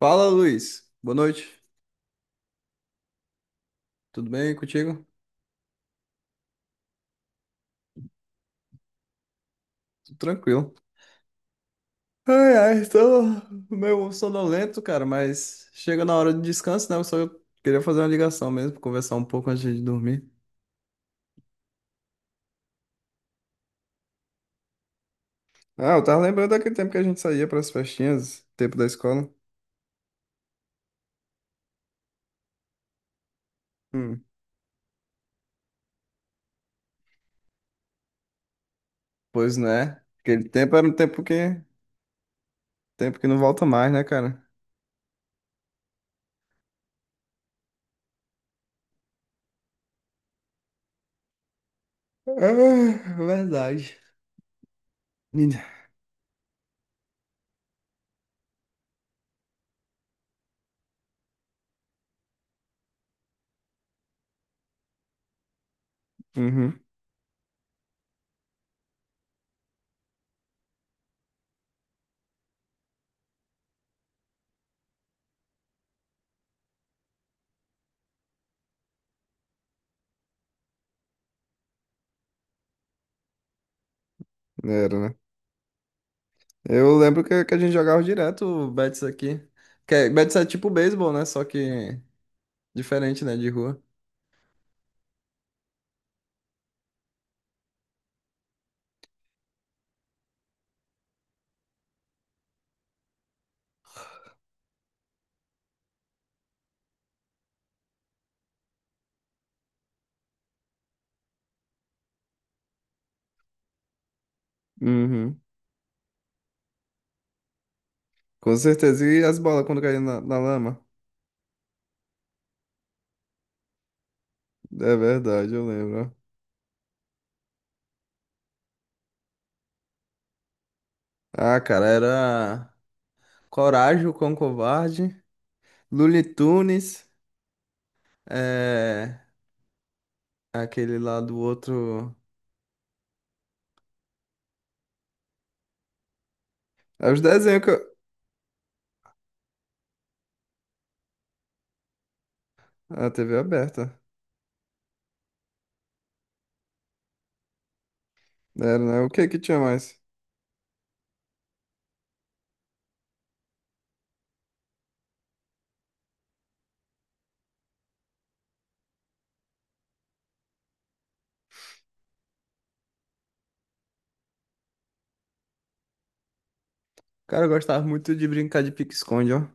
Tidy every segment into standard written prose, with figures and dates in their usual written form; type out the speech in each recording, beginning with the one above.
Fala, Luiz. Boa noite. Tudo bem contigo? Tudo tranquilo. Ai, ai, tô meio sonolento, cara, mas chega na hora do descanso, né? Eu só queria fazer uma ligação mesmo, conversar um pouco antes de dormir. Ah, eu tava lembrando daquele tempo que a gente saía pras festinhas, tempo da escola. Hum. Pois né? Aquele tempo era um tempo tempo que não volta mais, né, cara? Ah, verdade. Menina. Uhum, era, né? Eu lembro que a gente jogava direto o Betis aqui. Betis é tipo beisebol, né? Só que diferente, né? De rua. Uhum. Com certeza. E as bolas quando caíam na lama? É verdade, eu lembro. Ah, cara, era Coragem, o Cão Covarde, Looney Tunes, é... aquele lá do outro. É os desenhos A TV aberta. Era, né? O que que tinha mais? Cara, eu gostava muito de brincar de pique-esconde, ó.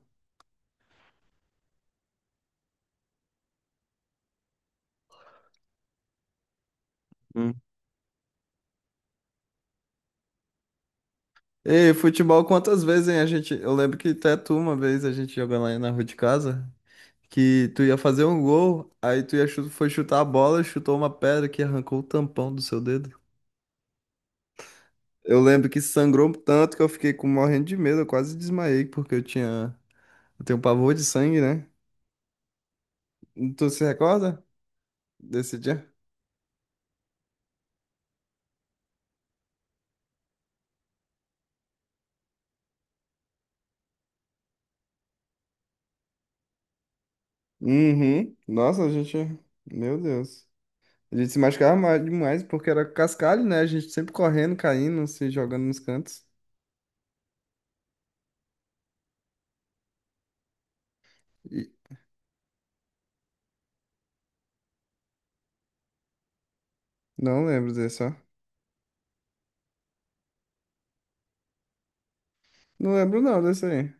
Hum. Ei, futebol quantas vezes, hein? Eu lembro que até tu uma vez a gente jogando lá na rua de casa, que tu ia fazer um gol, aí tu foi chutar a bola, chutou uma pedra que arrancou o tampão do seu dedo. Eu lembro que sangrou tanto que eu fiquei com morrendo de medo, eu quase desmaiei porque eu tenho pavor de sangue, né? Tu se recorda desse dia? Uhum. Nossa, meu Deus. A gente se machucava ma- demais porque era cascalho, né? A gente sempre correndo, caindo, se jogando nos cantos. E não lembro desse, ó. Não lembro não desse aí.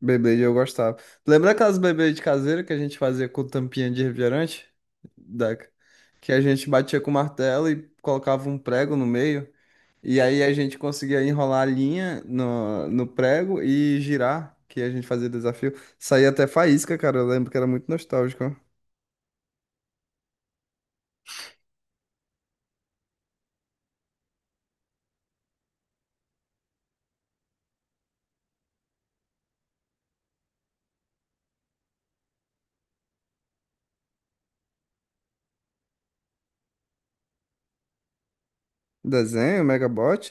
Beyblade eu gostava. Lembra aquelas Beyblade caseira que a gente fazia com tampinha de refrigerante? Da... Que a gente batia com martelo e colocava um prego no meio. E aí a gente conseguia enrolar a linha no prego e girar, que a gente fazia desafio. Saía até faísca, cara. Eu lembro que era muito nostálgico, ó. Desenho, Megabot?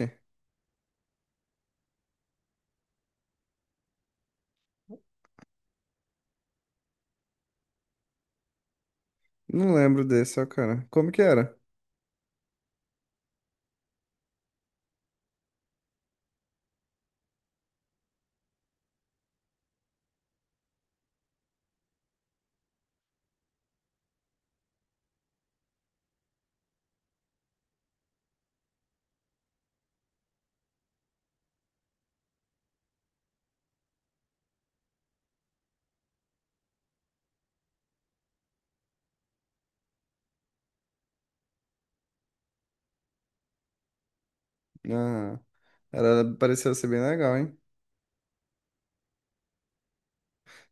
Não lembro desse, ó, cara. Como que era? Ah, era, pareceu ser bem legal, hein?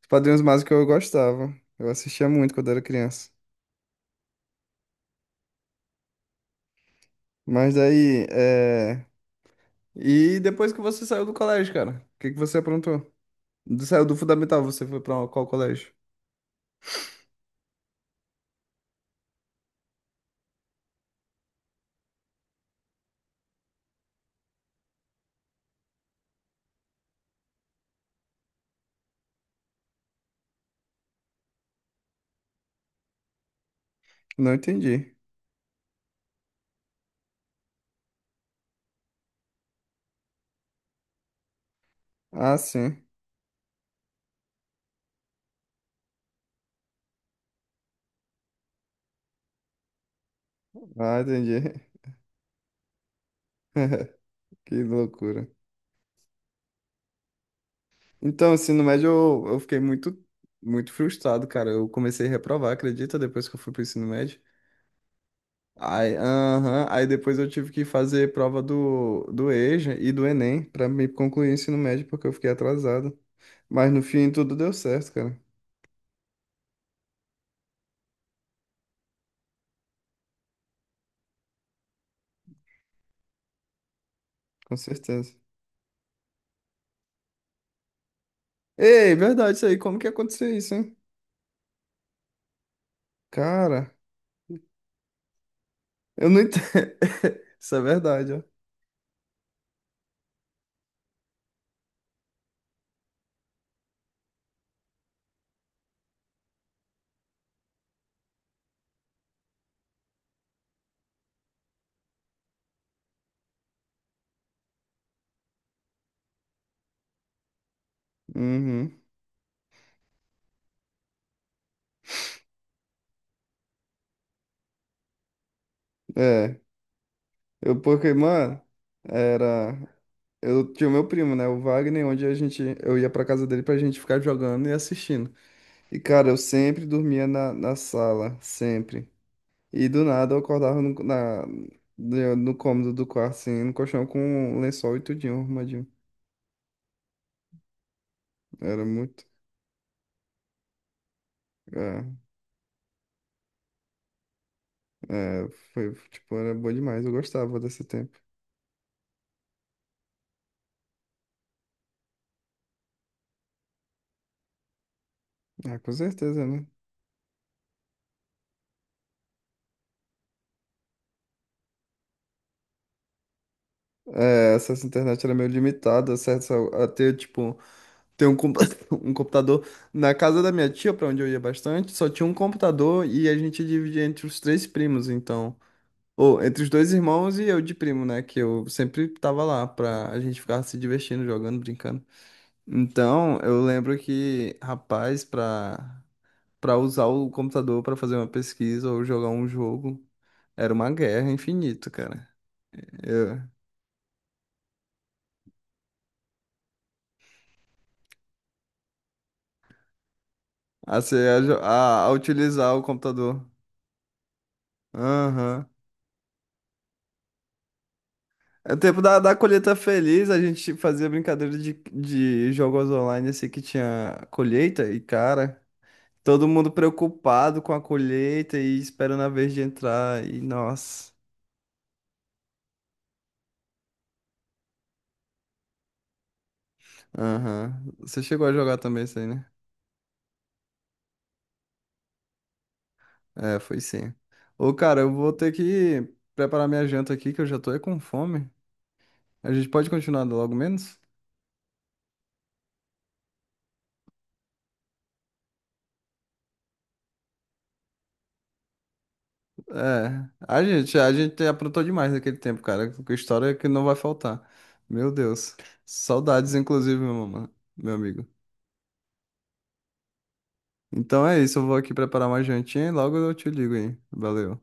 Os Padrinhos Mágicos eu gostava. Eu assistia muito quando era criança. Mas aí, e depois que você saiu do colégio, cara? O que que você aprontou? Saiu do fundamental, você foi pra qual colégio? Não entendi. Ah, sim. Ah, entendi. Que loucura. Então, ensino médio, eu fiquei muito frustrado, cara. Eu comecei a reprovar, acredita, depois que eu fui pro ensino médio. Aí, aham, aí depois eu tive que fazer prova do EJA e do Enem pra me concluir o ensino médio, porque eu fiquei atrasado. Mas no fim tudo deu certo, cara. Com certeza. Ei, verdade isso aí. Como que aconteceu isso, hein? Cara, eu não entendo. Isso é verdade, ó. Uhum. É. Eu, porque, mano, era. Eu tinha o meu primo, né? O Wagner, onde a gente. Eu ia pra casa dele pra gente ficar jogando e assistindo. E, cara, eu sempre dormia na sala, sempre. E do nada eu acordava no, na, no no cômodo do quarto, assim, no colchão com um lençol e tudinho, arrumadinho. Era muito. É, é, foi, tipo, era bom demais. Eu gostava desse tempo. Ah, com certeza, né? É, essas internet era meio limitada, acesso a ter, tipo, ter um computador. Na casa da minha tia, pra onde eu ia bastante, só tinha um computador e a gente dividia entre os três primos, então. Ou entre os dois irmãos e eu de primo, né? Que eu sempre tava lá pra a gente ficar se divertindo, jogando, brincando. Então, eu lembro que, rapaz, pra usar o computador pra fazer uma pesquisa ou jogar um jogo, era uma guerra infinita, cara. A, ser- a utilizar o computador. Aham. É o tempo da colheita feliz, a gente fazia brincadeira de jogos online assim que tinha colheita e, cara, todo mundo preocupado com a colheita e esperando a vez de entrar e, nossa. Aham. Você chegou a jogar também isso aí, né? É, foi sim. Ô, cara, eu vou ter que preparar minha janta aqui, que eu já tô é com fome. A gente pode continuar logo menos? É, a gente aprontou demais naquele tempo, cara. Que história que não vai faltar. Meu Deus. Saudades, inclusive, meu amigo. Então é isso, eu vou aqui preparar uma jantinha e logo eu te ligo aí. Valeu.